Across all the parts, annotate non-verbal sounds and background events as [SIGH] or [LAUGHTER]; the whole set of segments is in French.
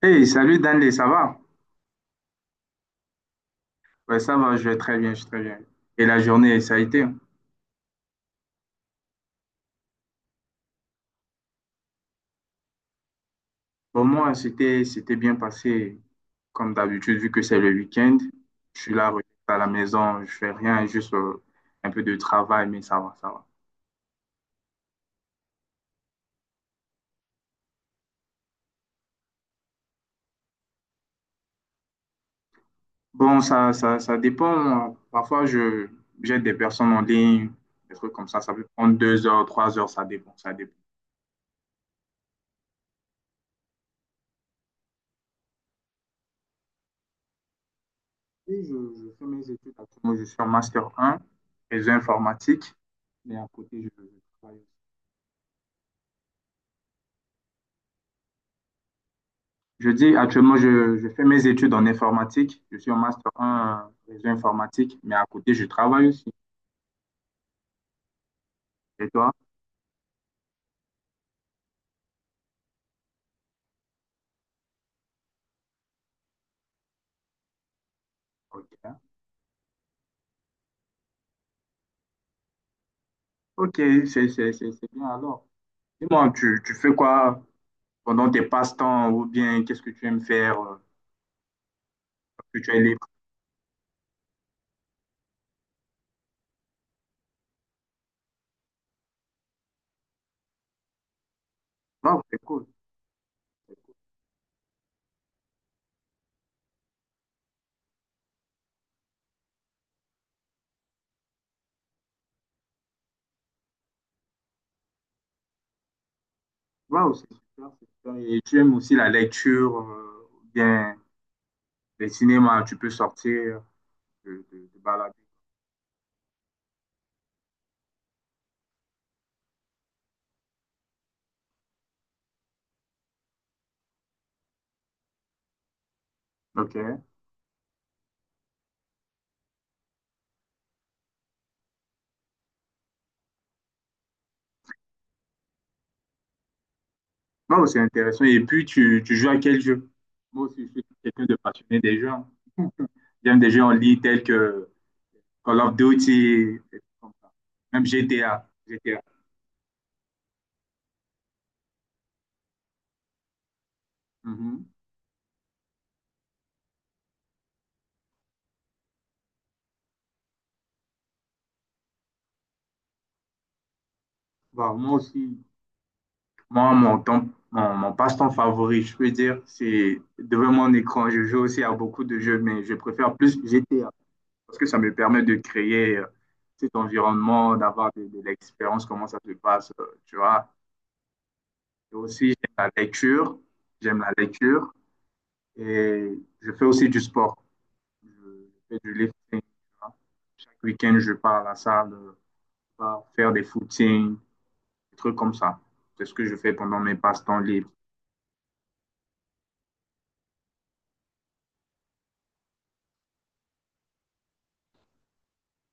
Hey, salut Danley, ça va? Ouais, ça va, je vais très bien. Et la journée, ça a été? Pour moi, c'était bien passé, comme d'habitude, vu que c'est le week-end. Je suis là, relax à la maison, je fais rien, juste un peu de travail, mais ça va. Bon, ça dépend. Parfois, je j'aide des personnes en ligne, des trucs comme ça. Ça peut prendre 2 heures, 3 heures, ça dépend. Et je fais mes études actuellement, je suis en Master 1 réseau informatique, mais à côté, je travaille. Je dis actuellement, je fais mes études en informatique. Je suis en master un réseau informatique, mais à côté, je travaille aussi. Et toi? Ok. Ok, c'est bien alors. Dis-moi, tu fais quoi pendant tes passe-temps ou bien qu'est-ce que tu aimes faire quand que tu es libre? Waouh, c'est cool. Waouh, c'est super. Et tu aimes aussi la lecture ou bien les cinémas, tu peux sortir, te balader. Ok. Non, c'est intéressant. Et puis, tu joues à quel jeu? Moi aussi, je suis quelqu'un de passionné des jeux, hein. J'aime des jeux en ligne tels que Call of Duty, des trucs comme ça. Même GTA. GTA. Mhm. Bah, moi aussi, moi, mon temps, mon passe-temps favori, je peux dire, c'est devant mon écran. Je joue aussi à beaucoup de jeux, mais je préfère plus GTA parce que ça me permet de créer cet environnement, d'avoir de l'expérience, comment ça se passe, tu vois. Et aussi, j'aime la lecture. J'aime la lecture. Et je fais aussi du sport. Je fais du lifting. Chaque week-end, je pars à la salle pour faire des footings, des trucs comme ça. C'est ce que je fais pendant mes passe-temps libres.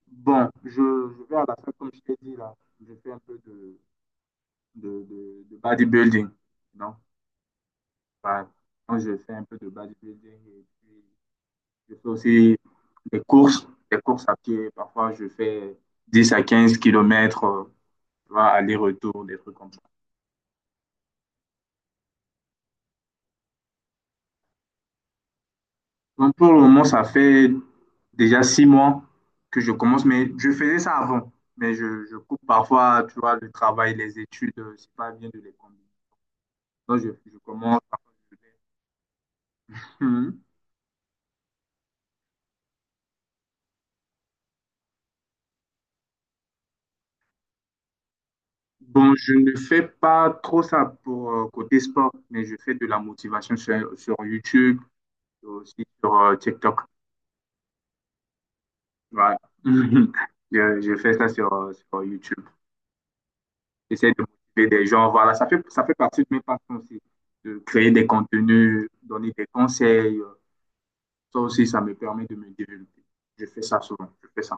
Bon, je vais à la salle, comme je t'ai dit là. Je fais un peu de bodybuilding. Non? Enfin, quand je fais un peu de bodybuilding et puis je fais aussi des courses à pied. Parfois, je fais 10 à 15 kilomètres, aller-retour, des trucs comme ça. Donc, pour le moment, ça fait déjà 6 mois que je commence, mais je faisais ça avant. Mais je coupe parfois, tu vois, le travail, les études, c'est pas bien de les combiner. Donc, je commence. Parfois, je fais. Mhm. Bon, je ne fais pas trop ça pour côté sport, mais je fais de la motivation sur YouTube et aussi sur TikTok. Voilà. [LAUGHS] Je fais ça sur, sur YouTube. J'essaie de motiver des gens. Voilà, ça fait partie de mes passions aussi. De créer des contenus, donner des conseils. Ça aussi, ça me permet de me développer. Je fais ça souvent. Je fais ça.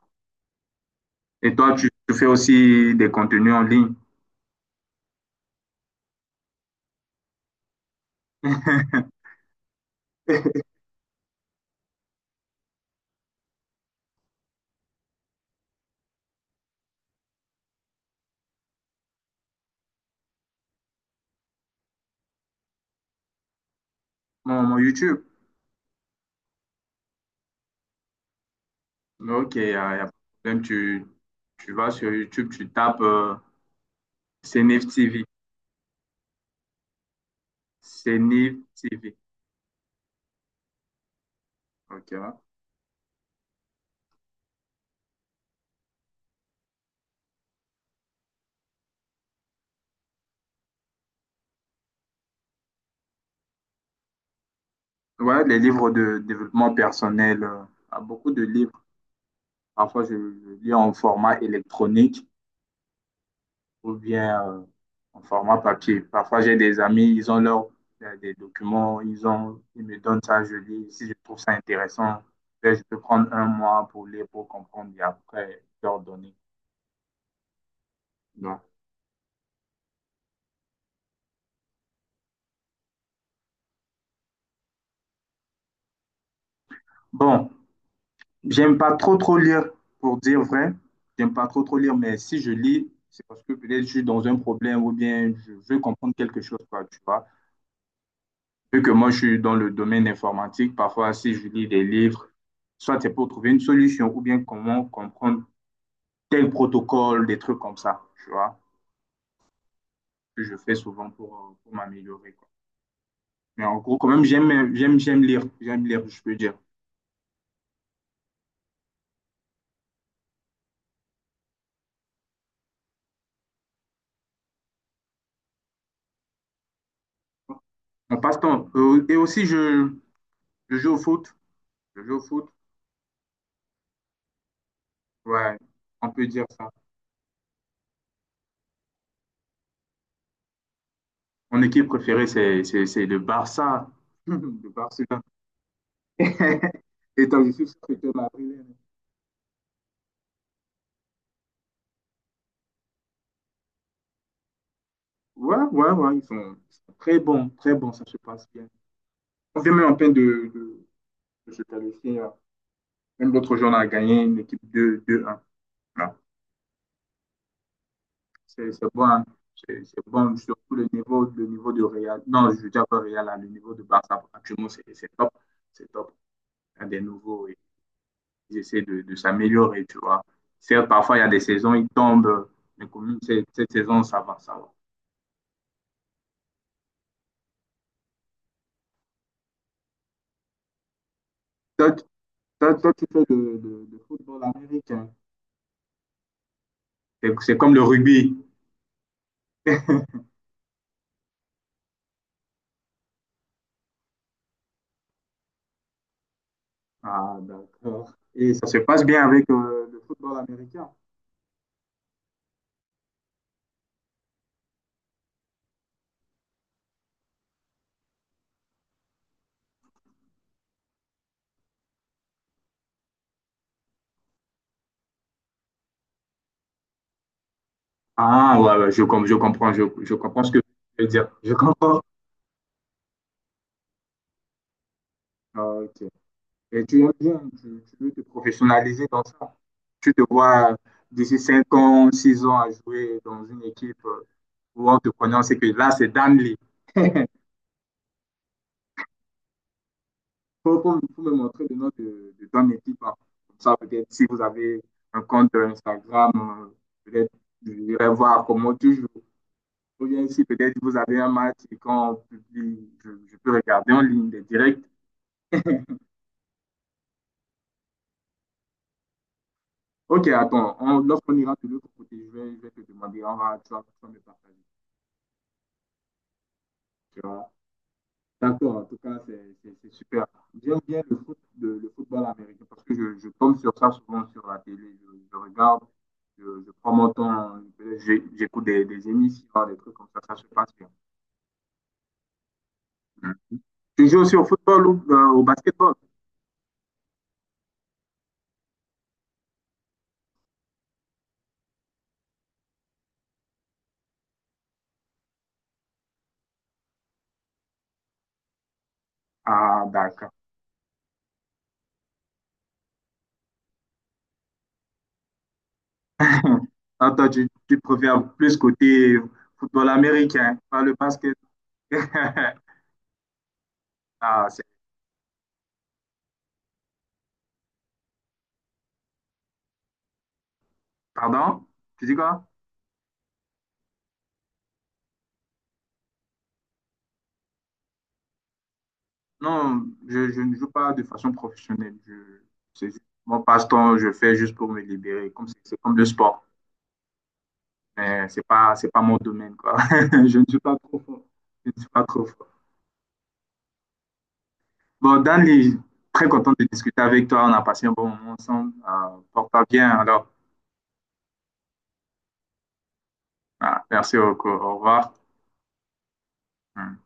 Et toi, tu fais aussi des contenus en ligne. [LAUGHS] Mon YouTube. Ok, il n'y a, y a pas de problème. Tu vas sur YouTube, tu tapes CNIF TV. CNIF TV. Ok, hein. Voilà, les livres de développement personnel. Euh, beaucoup de livres. Parfois, je lis en format électronique. Ou bien en format papier. Parfois, j'ai des amis, ils ont leurs des documents, ils ont, ils me donnent ça, je lis. Si je trouve ça intéressant, ben, je peux prendre 1 mois pour lire, pour comprendre et après leur donner. Donc, bon, j'aime pas trop trop lire, pour dire vrai. J'aime pas trop trop lire, mais si je lis, c'est parce que peut-être je suis dans un problème ou bien je veux comprendre quelque chose, quoi, tu vois. Vu que moi, je suis dans le domaine informatique, parfois, si je lis des livres, soit c'est pour trouver une solution ou bien comment comprendre tel protocole, des trucs comme ça, tu vois, que je fais souvent pour m'améliorer, quoi. Mais en gros, quand même, j'aime lire, je peux dire. On passe-temps. Et aussi, je joue au foot. Je joue au foot. Ouais, on peut dire ça. Mon équipe préférée, c'est le Barça. [LAUGHS] Le Barça. [LAUGHS] Et toi, je suis sûr que tu es madrilène. Ouais, ils sont très bons, ça se passe bien. On vient même en peine de se qualifier là. Même l'autre jour, on a gagné une équipe 2-1. Voilà. C'est bon, hein. C'est bon, surtout le niveau de Real. Non, je veux dire pas Real, hein, le niveau de Barça, actuellement, c'est top, c'est top. Il y a des nouveaux, et ils essaient de s'améliorer, tu vois. Certes, parfois, il y a des saisons, ils tombent, mais quand même, cette saison, ça va. Toi, tu- toi, tu fais de football américain. C'est comme le rugby. [LAUGHS] Ah, d'accord. Et ça se passe bien avec le football américain. Ah, ouais, ouais, je comprends, je comprends ce que tu veux dire. Je comprends. Ah, ok. Et tu aimes bien, tu veux te professionnaliser dans ça. Tu te vois d'ici 5 ans, 6 ans à jouer dans une équipe où on te connaît, c'est que là, c'est Danley. [LAUGHS] Pour [LAUGHS] me montrer le nom de ton équipe, hein. Comme ça, peut-être si vous avez un compte Instagram, peut-être je vais voir comment tu joues. Ou bien si peut-être vous avez un match et quand on publie, je peux regarder en ligne des directs. Ok, attends, on, lorsqu'on ira de l'autre côté, je vais te demander, on va, tu vas me partager. Tu vois. D'accord, en tout cas, c'est super. J'aime bien le foot, le football américain parce que je tombe sur ça souvent sur la télé. Je regarde, je prends mon temps, j'écoute des émissions, des trucs comme ça se passe bien. Mm. Tu joues aussi au football ou au basketball? Ah, d'accord. [LAUGHS] Attends tu, tu préfères plus côté football américain, pas le basket. [LAUGHS] Ah, c'est- pardon? Tu dis quoi? Non, je ne joue pas de façon professionnelle. Je, c'est juste mon passe-temps, je fais juste pour me libérer. Comme c'est comme le sport. Mais c'est pas mon domaine, quoi. [LAUGHS] Je ne suis pas trop fort. Je ne suis pas trop fort. Bon, Danny, très content de discuter avec toi. On a passé un bon moment ensemble. Porte-toi bien, alors. Ah, merci beaucoup. Au revoir. Hum.